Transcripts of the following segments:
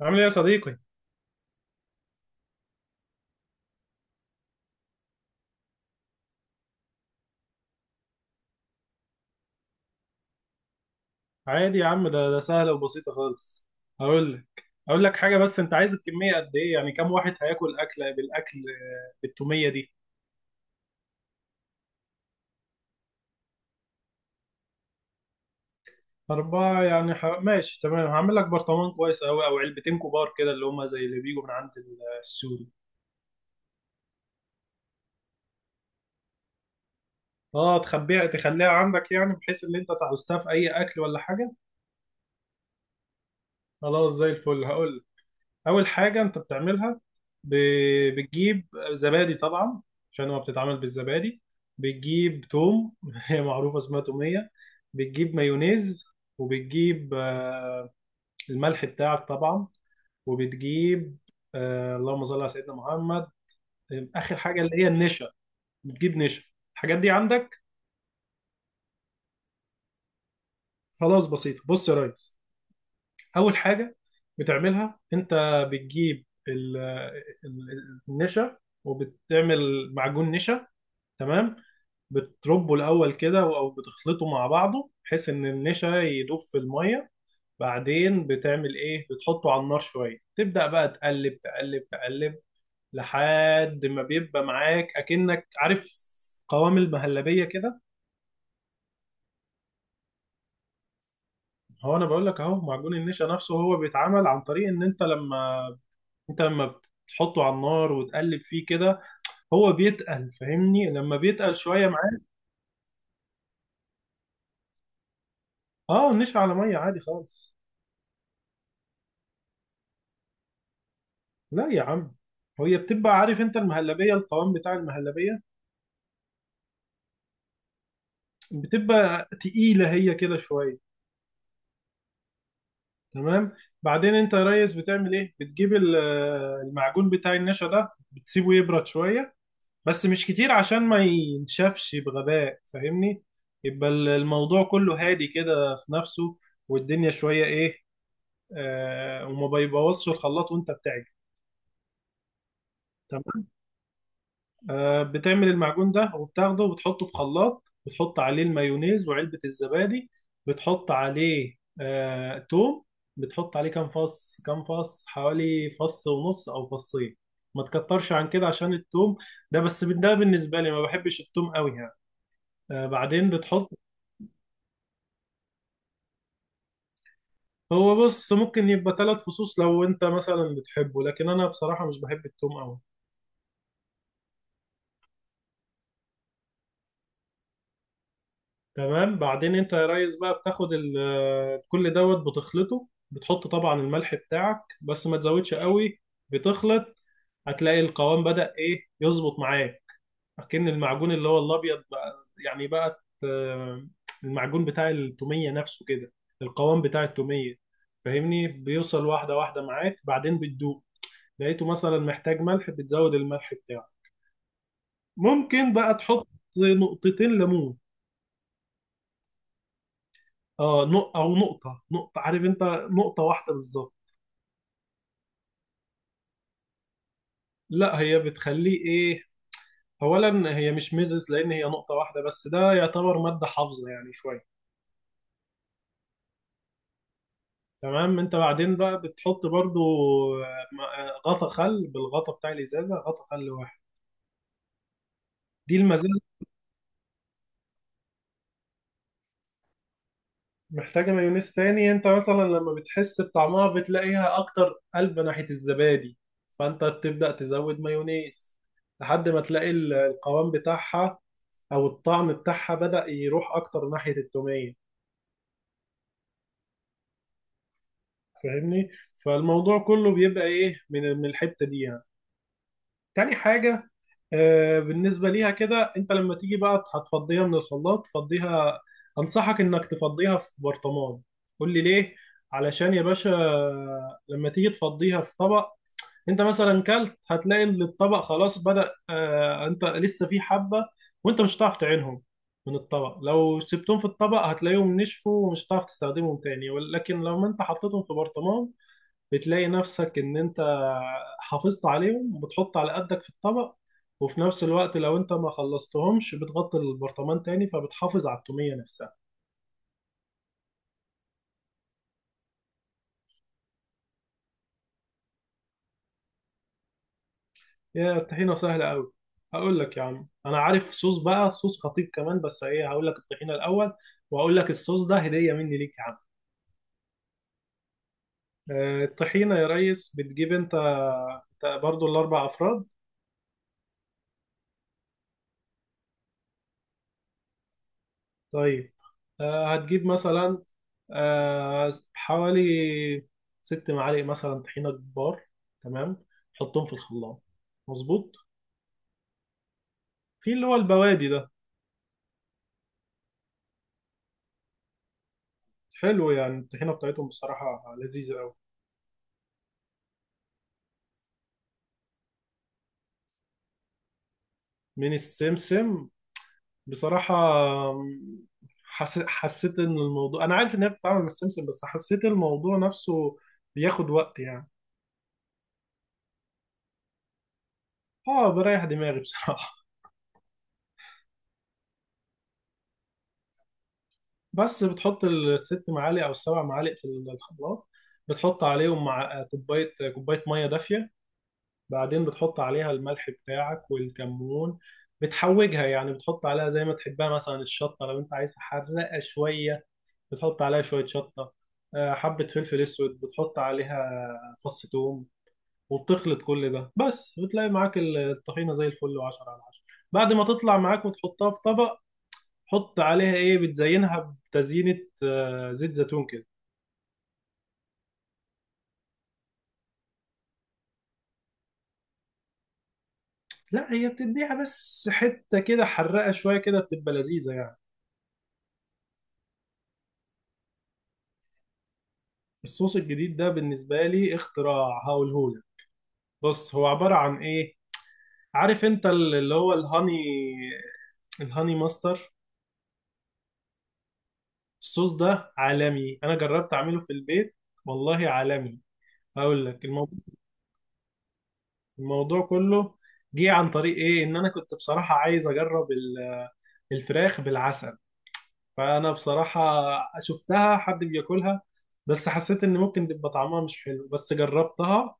عامل ايه يا صديقي؟ عادي يا عم ده سهلة وبسيطة خالص. هقول لك حاجة، بس أنت عايز الكمية قد إيه؟ يعني كم واحد هياكل أكلة بالأكل، بالتومية دي؟ أربعة يعني ماشي، تمام. هعمل لك برطمان كويس أوي أو علبتين كبار كده، اللي هما زي اللي بيجوا من عند السوري. أه، تخبيها تخليها عندك، يعني بحيث إن أنت تعوزتها في أي أكل ولا حاجة؟ خلاص، زي الفل. هقول اول حاجه انت بتعملها، بتجيب زبادي طبعا، عشان هو بتتعمل بالزبادي. بتجيب توم هي معروفه اسمها توميه. بتجيب مايونيز، وبتجيب الملح بتاعك طبعا، وبتجيب اللهم صل على سيدنا محمد، اخر حاجه اللي هي النشا. بتجيب نشا. الحاجات دي عندك؟ خلاص، بسيطه. بص يا ريس، اول حاجه بتعملها انت، بتجيب النشا وبتعمل معجون نشا. تمام. بتربه الاول كده او بتخلطه مع بعضه بحيث ان النشا يدوب في الميه. بعدين بتعمل ايه، بتحطه على النار شويه، تبدا بقى تقلب تقلب، لحد ما بيبقى معاك، اكنك عارف، قوام المهلبيه كده. هو انا بقول لك، اهو معجون النشا نفسه هو بيتعمل عن طريق ان انت لما، انت لما بتحطه على النار وتقلب فيه كده، هو بيتقل، فاهمني، لما بيتقل شويه معاك. اه، النشا على ميه عادي خالص. لا يا عم، هي بتبقى، عارف انت المهلبية، القوام بتاع المهلبية بتبقى تقيلة هي كده شوية. تمام. بعدين انت يا ريس بتعمل ايه، بتجيب المعجون بتاع النشا ده بتسيبه يبرد شوية، بس مش كتير عشان ما ينشفش بغباء، فاهمني. يبقى الموضوع كله هادي كده في نفسه، والدنيا شوية ايه، آه، وما بيبوظش الخلاط وانت بتعجن. بتعمل المعجون ده وبتاخده وبتحطه في خلاط، بتحط عليه المايونيز وعلبة الزبادي، بتحط عليه توم. بتحط عليه كام فص، حوالي فص ونص او فصين، ما تكترش عن كده عشان التوم ده، بس ده بالنسبة لي، ما بحبش التوم قوي يعني. بعدين بتحط، هو بص ممكن يبقى ثلاث فصوص لو انت مثلا بتحبه، لكن انا بصراحة مش بحب التوم قوي. تمام. بعدين انت يا ريس بقى بتاخد كل دوت بتخلطه، بتحط طبعا الملح بتاعك بس ما تزودش قوي، بتخلط، هتلاقي القوام بدأ ايه يظبط معاك، اكن المعجون اللي هو الابيض بقى، يعني بقى المعجون بتاع التومية نفسه كده، القوام بتاع التومية، فاهمني، بيوصل واحدة واحدة معاك. بعدين بتدوق، لقيته مثلا محتاج ملح بتزود الملح بتاعه، ممكن بقى تحط نقطتين ليمون. اه، او نقطة، عارف انت، نقطة واحدة بالظبط. لا، هي بتخليه ايه، اولا هي مش ميزز لان هي نقطة واحدة بس، ده يعتبر مادة حافظة يعني شوية. تمام. انت بعدين بقى بتحط برضو غطا خل، بالغطا بتاع الازازة، غطا خل واحد. دي المزازة. محتاجة مايونيز تاني، انت مثلا لما بتحس بطعمها بتلاقيها اكتر قلب ناحية الزبادي، فانت بتبدأ تزود مايونيز لحد ما تلاقي القوام بتاعها او الطعم بتاعها بدأ يروح اكتر ناحية التومية. فاهمني، فالموضوع كله بيبقى ايه من الحتة دي يعني. تاني حاجة، آه، بالنسبة ليها كده انت لما تيجي بقى هتفضيها من الخلاط، فضيها، انصحك انك تفضيها في برطمان. قول لي ليه؟ علشان يا باشا لما تيجي تفضيها في طبق، انت مثلا كلت، هتلاقي ان الطبق خلاص بدأ، آه، انت لسه في حبة وانت مش هتعرف تعينهم من الطبق، لو سبتهم في الطبق هتلاقيهم نشفوا ومش هتعرف تستخدمهم تاني، ولكن لو انت حطيتهم في برطمان بتلاقي نفسك ان انت حافظت عليهم، وبتحط على قدك في الطبق، وفي نفس الوقت لو انت ما خلصتهمش بتغطي البرطمان تاني فبتحافظ على التومية نفسها. يا الطحينة سهلة أوي، هقول لك يا عم. أنا عارف صوص بقى، صوص خطير كمان، بس إيه، هقول لك الطحينة الأول، وهقول لك الصوص ده هدية مني ليك يا عم. الطحينة يا ريس، بتجيب أنت برضو الأربع أفراد. طيب، هتجيب مثلا حوالي ست معالق مثلا طحينة كبار. تمام. تحطهم في الخلاط. مظبوط. في اللي هو البوادي ده. حلو، يعني الطحينة بتاعتهم بصراحة لذيذة أوي. من السمسم، بصراحة أم، حسيت إن الموضوع، أنا عارف إن هي بتتعامل مع السمسم، بس حسيت الموضوع نفسه بياخد وقت يعني. آه، بريح دماغي بصراحة. بس بتحط الست معالق أو السبع معالق في الخلاط، بتحط عليهم مع كوباية مية دافية. بعدين بتحط عليها الملح بتاعك والكمون، بتحوجها يعني، بتحط عليها زي ما تحبها. مثلا الشطة لو أنت عايز حرقة شوية، بتحط عليها شوية شطة، حبة فلفل أسود بتحط عليها، فص ثوم، وبتخلط كل ده بس وتلاقي معاك الطحينة زي الفل، وعشرة على عشرة. بعد ما تطلع معاك وتحطها في طبق، حط عليها ايه، بتزينها بتزيينة، زيت زيتون كده. لا، هي بتديها بس حتة كده حرقة شوية، كده بتبقى لذيذة يعني. الصوص الجديد ده بالنسبة لي اختراع، هقولهولك. بص، هو عبارة عن ايه، عارف انت اللي هو الهاني، الهاني ماستر؟ الصوص ده عالمي، انا جربت اعمله في البيت، والله عالمي. هقول لك، الموضوع كله جه عن طريق ايه، ان انا كنت بصراحة عايز اجرب الفراخ بالعسل. فانا بصراحة شفتها حد بياكلها، بس حسيت ان ممكن تبقى طعمها مش حلو، بس جربتها،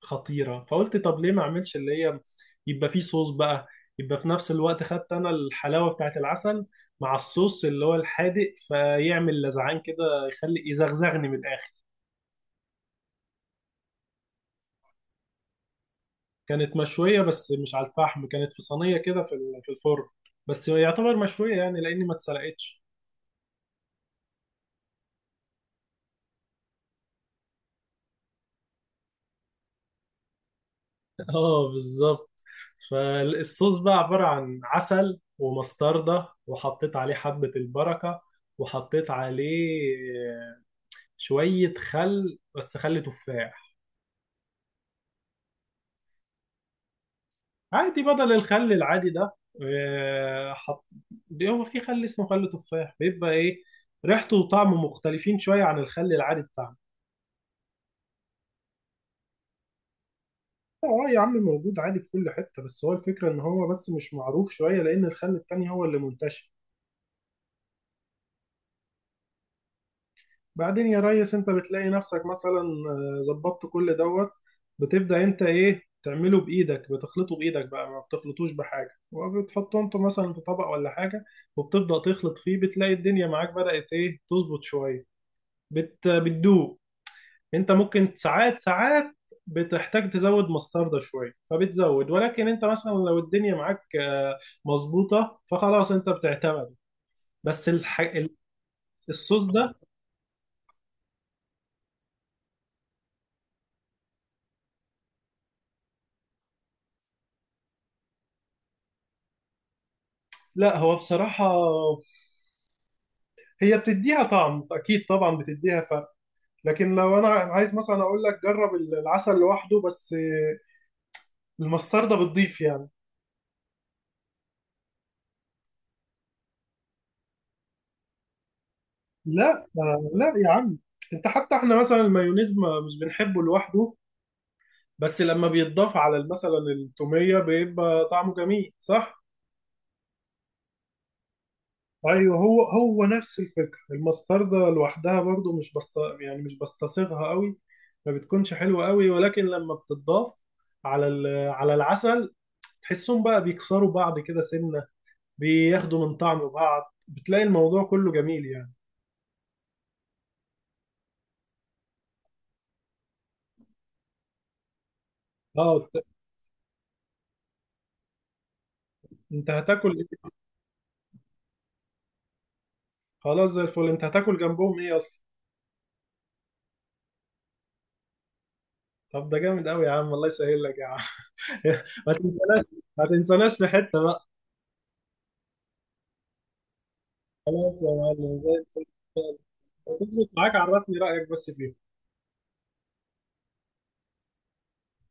خطيرة. فقلت طب ليه ما اعملش اللي هي، يبقى فيه صوص بقى، يبقى في نفس الوقت خدت انا الحلاوة بتاعت العسل مع الصوص اللي هو الحادق، فيعمل لزعان كده يخلي يزغزغني من الاخر. كانت مشوية بس مش على الفحم، كانت في صينية كده في في الفرن، بس يعتبر مشوية يعني لأني ما اتسلقتش. اه، بالظبط. فالصوص بقى عبارة عن عسل ومستردة، وحطيت عليه حبة البركة، وحطيت عليه شوية خل، بس خل تفاح. عادي بدل الخل العادي ده، حط، هو في خل اسمه خل تفاح بيبقى ايه، ريحته وطعمه مختلفين شوية عن الخل العادي بتاعنا. اه يا عم، موجود عادي في كل حتة، بس هو الفكرة ان هو بس مش معروف شوية لان الخل التاني هو اللي منتشر. بعدين يا ريس انت بتلاقي نفسك مثلا ظبطت كل دوت، بتبدأ انت ايه، تعمله بايدك، بتخلطه بايدك بقى ما بتخلطوش بحاجة، وبتحطه انت مثلا في طبق ولا حاجة، وبتبدأ تخلط فيه، بتلاقي الدنيا معاك بدأت ايه تظبط شوية، بتدوب. انت ممكن ساعات، بتحتاج تزود مستردة شوية فبتزود، ولكن انت مثلا لو الدنيا معاك مظبوطة فخلاص انت بتعتمد. بس الصوص ده، لا هو بصراحة هي بتديها طعم اكيد طبعا، بتديها فرق، لكن لو انا عايز مثلا اقول لك جرب العسل لوحده بس، المستردة بتضيف يعني. لا، لا يا عم، انت حتى احنا مثلا المايونيز ما مش بنحبه لوحده، بس لما بيتضاف على مثلا التومية بيبقى طعمه جميل، صح؟ ايوه، هو نفس الفكره، المستردة لوحدها برضو مش بست، يعني مش بستصيغها قوي، ما بتكونش حلوه قوي، ولكن لما بتضاف على على العسل، تحسهم بقى بيكسروا بعض كده سنه، بياخدوا من طعم بعض، بتلاقي الموضوع كله جميل يعني. اه، انت هتاكل ايه؟ خلاص زي الفل، انت هتاكل جنبهم ايه اصلا؟ طب ده جامد قوي يا عم، الله يسهل لك يا عم. ما تنساناش، في حته بقى. خلاص يا معلم، زي الفل. لو تظبط معاك عرفني رأيك بس فيهم.